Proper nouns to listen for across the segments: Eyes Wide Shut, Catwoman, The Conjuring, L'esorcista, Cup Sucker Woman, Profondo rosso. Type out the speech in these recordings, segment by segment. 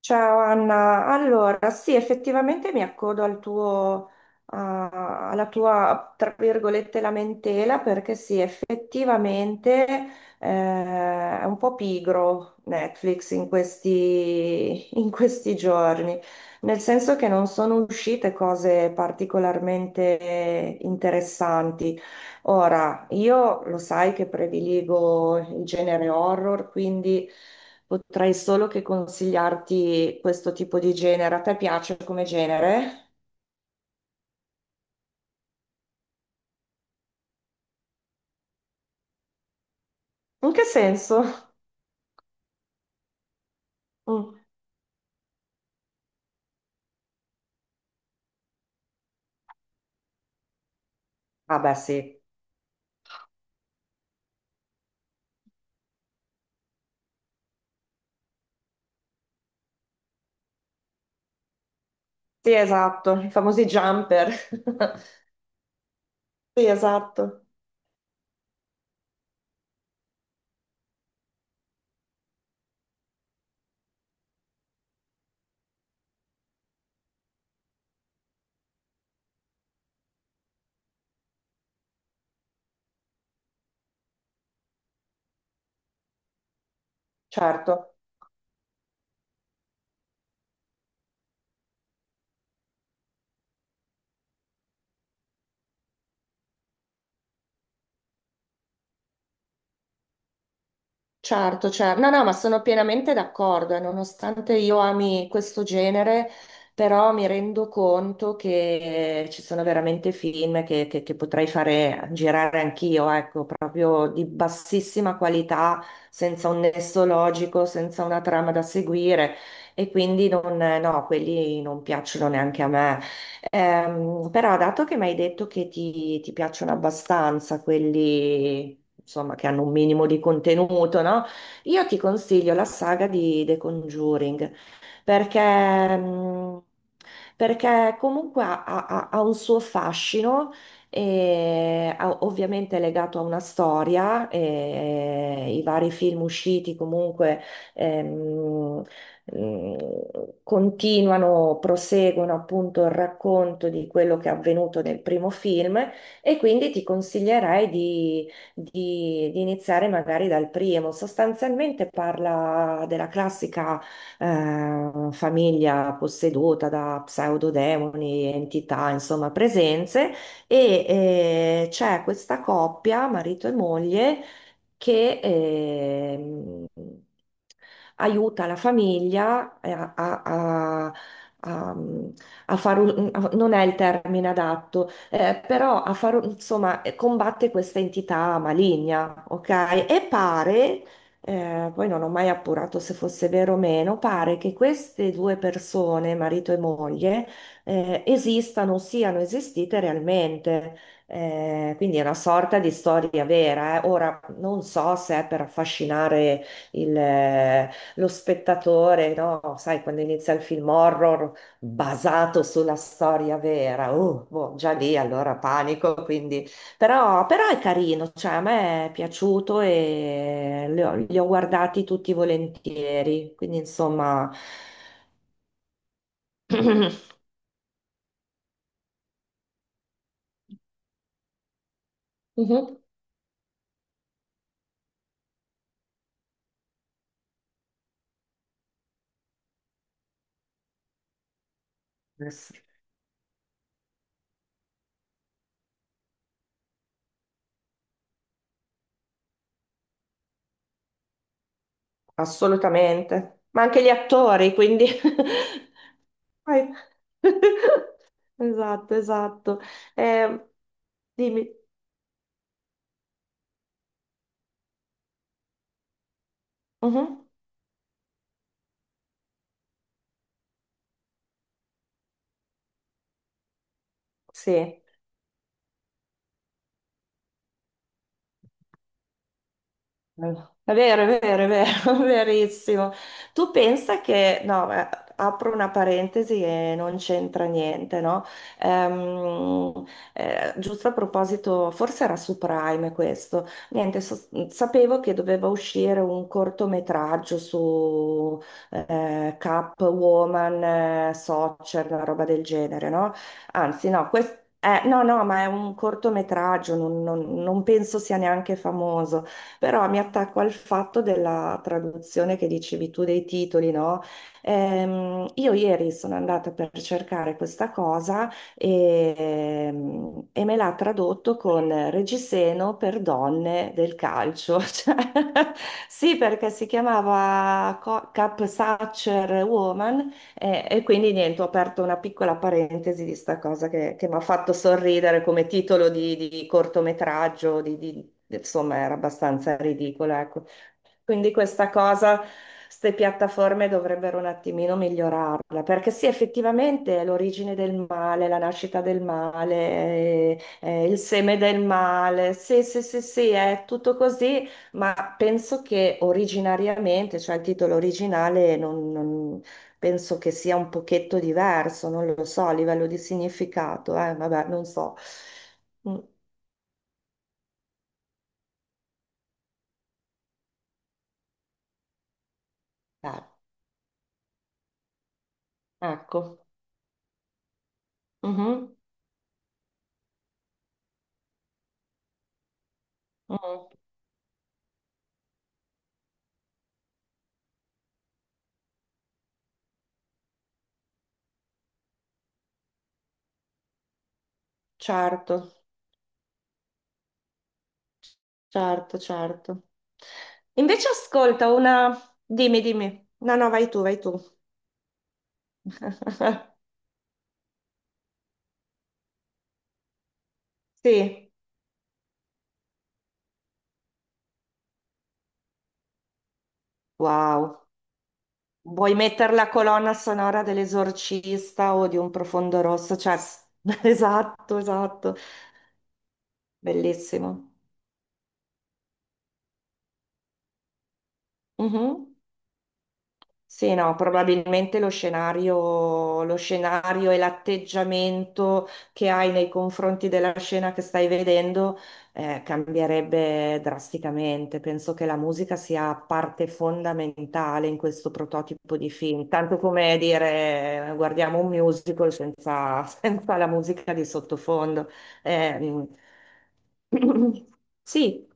Ciao Anna, allora sì, effettivamente mi accodo alla tua, tra virgolette, lamentela perché sì, effettivamente è un po' pigro Netflix in questi giorni, nel senso che non sono uscite cose particolarmente interessanti. Ora, io lo sai che prediligo il genere horror, quindi potrei solo che consigliarti questo tipo di genere. A te piace come genere? In che senso? Mm. Ah, beh, sì. Sì, esatto, i famosi jumper. Sì, esatto, certo. Certo, certo, no, no, ma sono pienamente d'accordo e nonostante io ami questo genere, però mi rendo conto che ci sono veramente film che potrei fare girare anch'io, ecco, proprio di bassissima qualità, senza un nesso logico, senza una trama da seguire e quindi non, no, quelli non piacciono neanche a me. Però dato che mi hai detto che ti piacciono abbastanza quelli, insomma, che hanno un minimo di contenuto, no? Io ti consiglio la saga di The Conjuring perché, mm, perché comunque ha un suo fascino. E ovviamente è legato a una storia, e i vari film usciti comunque ehm, mh, continuano, proseguono appunto il racconto di quello che è avvenuto nel primo film e quindi ti consiglierei di iniziare magari dal primo. Sostanzialmente parla della classica famiglia posseduta da pseudodemoni, entità, insomma presenze e c'è questa coppia, marito e moglie che aiuta la famiglia a- a fare non è il termine adatto, però a fare, insomma, combatte questa entità maligna, ok? E pare, poi non ho mai appurato se fosse vero o meno, pare che queste due persone, marito e moglie, esistano, siano esistite realmente. Quindi è una sorta di storia vera. Ora non so se è per affascinare il, eh, lo spettatore, no? Sai, quando inizia il film horror basato sulla storia vera, boh, già lì allora panico. Quindi. Però, però è carino, cioè, a me è piaciuto e li ho guardati tutti volentieri. Quindi insomma. Mhm. Assolutamente. Ma anche gli attori, quindi. Vai. Esatto, esatto. Eh, dimmi. Mhm. Sì. È vero, è vero, è vero, verissimo. Tu pensa che, no, apro una parentesi e non c'entra niente, no? Ehm, giusto a proposito, forse era su Prime questo. Niente, sapevo che doveva uscire un cortometraggio su Catwoman, Soccer, una roba del genere, no? Anzi, no, questo... no, no, ma è un cortometraggio, non penso sia neanche famoso, però mi attacco al fatto della traduzione che dicevi tu dei titoli, no? Io ieri sono andata per cercare questa cosa e me l'ha tradotto con Reggiseno per donne del calcio. Cioè, sì, perché si chiamava Cup Sucker Woman, e quindi niente, ho aperto una piccola parentesi di sta cosa che mi ha fatto sorridere come titolo di cortometraggio, insomma era abbastanza ridicola, ecco. Quindi questa cosa, queste piattaforme dovrebbero un attimino migliorarla, perché sì, effettivamente è l'origine del male, la nascita del male, il seme del male, sì, sì, sì, sì, è tutto così, ma penso che originariamente, cioè il titolo originale penso che sia un pochetto diverso, non lo so, a livello di significato, vabbè, non so. Mm, eh, ecco. Mhm. Mm, certo, certo, certo. Invece ascolta una... Dimmi, dimmi. No, no, vai tu, vai tu. Sì. Wow. Vuoi mettere la colonna sonora dell'esorcista o di un profondo rosso? Cioè, esatto, esatto. Bellissimo. Mhm. Sì, no, probabilmente lo scenario e l'atteggiamento che hai nei confronti della scena che stai vedendo cambierebbe drasticamente. Penso che la musica sia parte fondamentale in questo prototipo di film, tanto come dire guardiamo un musical senza, senza la musica di sottofondo. Eh, mm. Sì.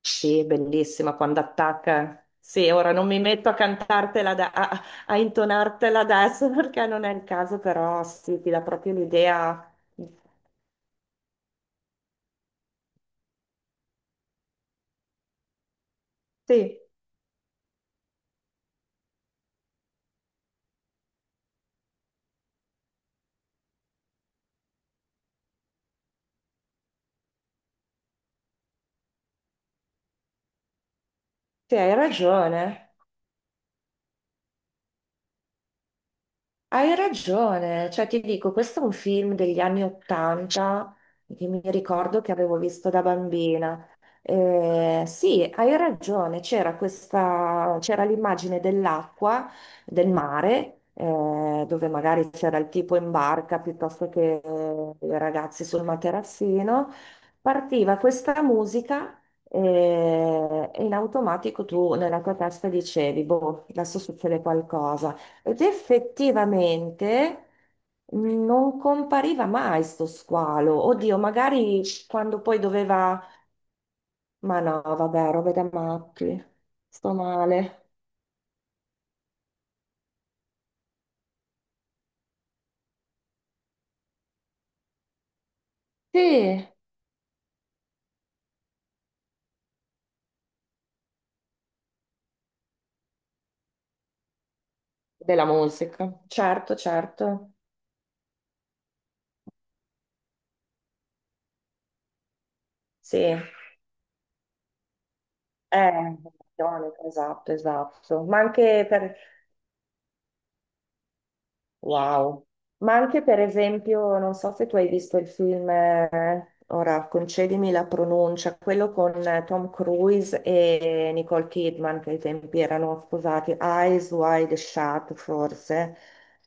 Sì, è bellissima quando attacca. Sì, ora non mi metto a cantartela, a intonartela adesso, perché non è il caso, però sì, ti dà proprio l'idea. Sì, sì, hai ragione. Hai ragione, cioè ti dico, questo è un film degli anni Ottanta che mi ricordo che avevo visto da bambina. Sì, hai ragione, c'era c'era l'immagine dell'acqua, del mare, dove magari c'era il tipo in barca piuttosto che i ragazzi sul materassino. Partiva questa musica e in automatico tu nella tua testa dicevi, boh, adesso succede qualcosa. Ed effettivamente non compariva mai sto squalo. Oddio, magari quando poi doveva... Ma no, vabbè, robe da matti. Sto male. Sì, della musica. Certo, certo. Sì. Elettronica, esatto, esatto. Ma anche per Wow. Ma anche per esempio, non so se tu hai visto il film, ora concedimi la pronuncia, quello con Tom Cruise e Nicole Kidman, che ai tempi erano sposati, Eyes Wide Shut forse.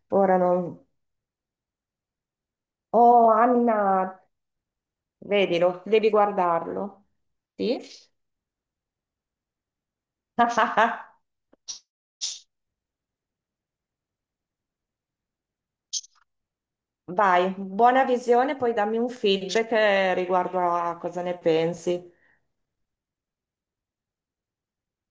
Ora non... Oh, Anna, vedilo, devi guardarlo. Sì? Vai, buona visione, poi dammi un feedback riguardo a cosa ne pensi.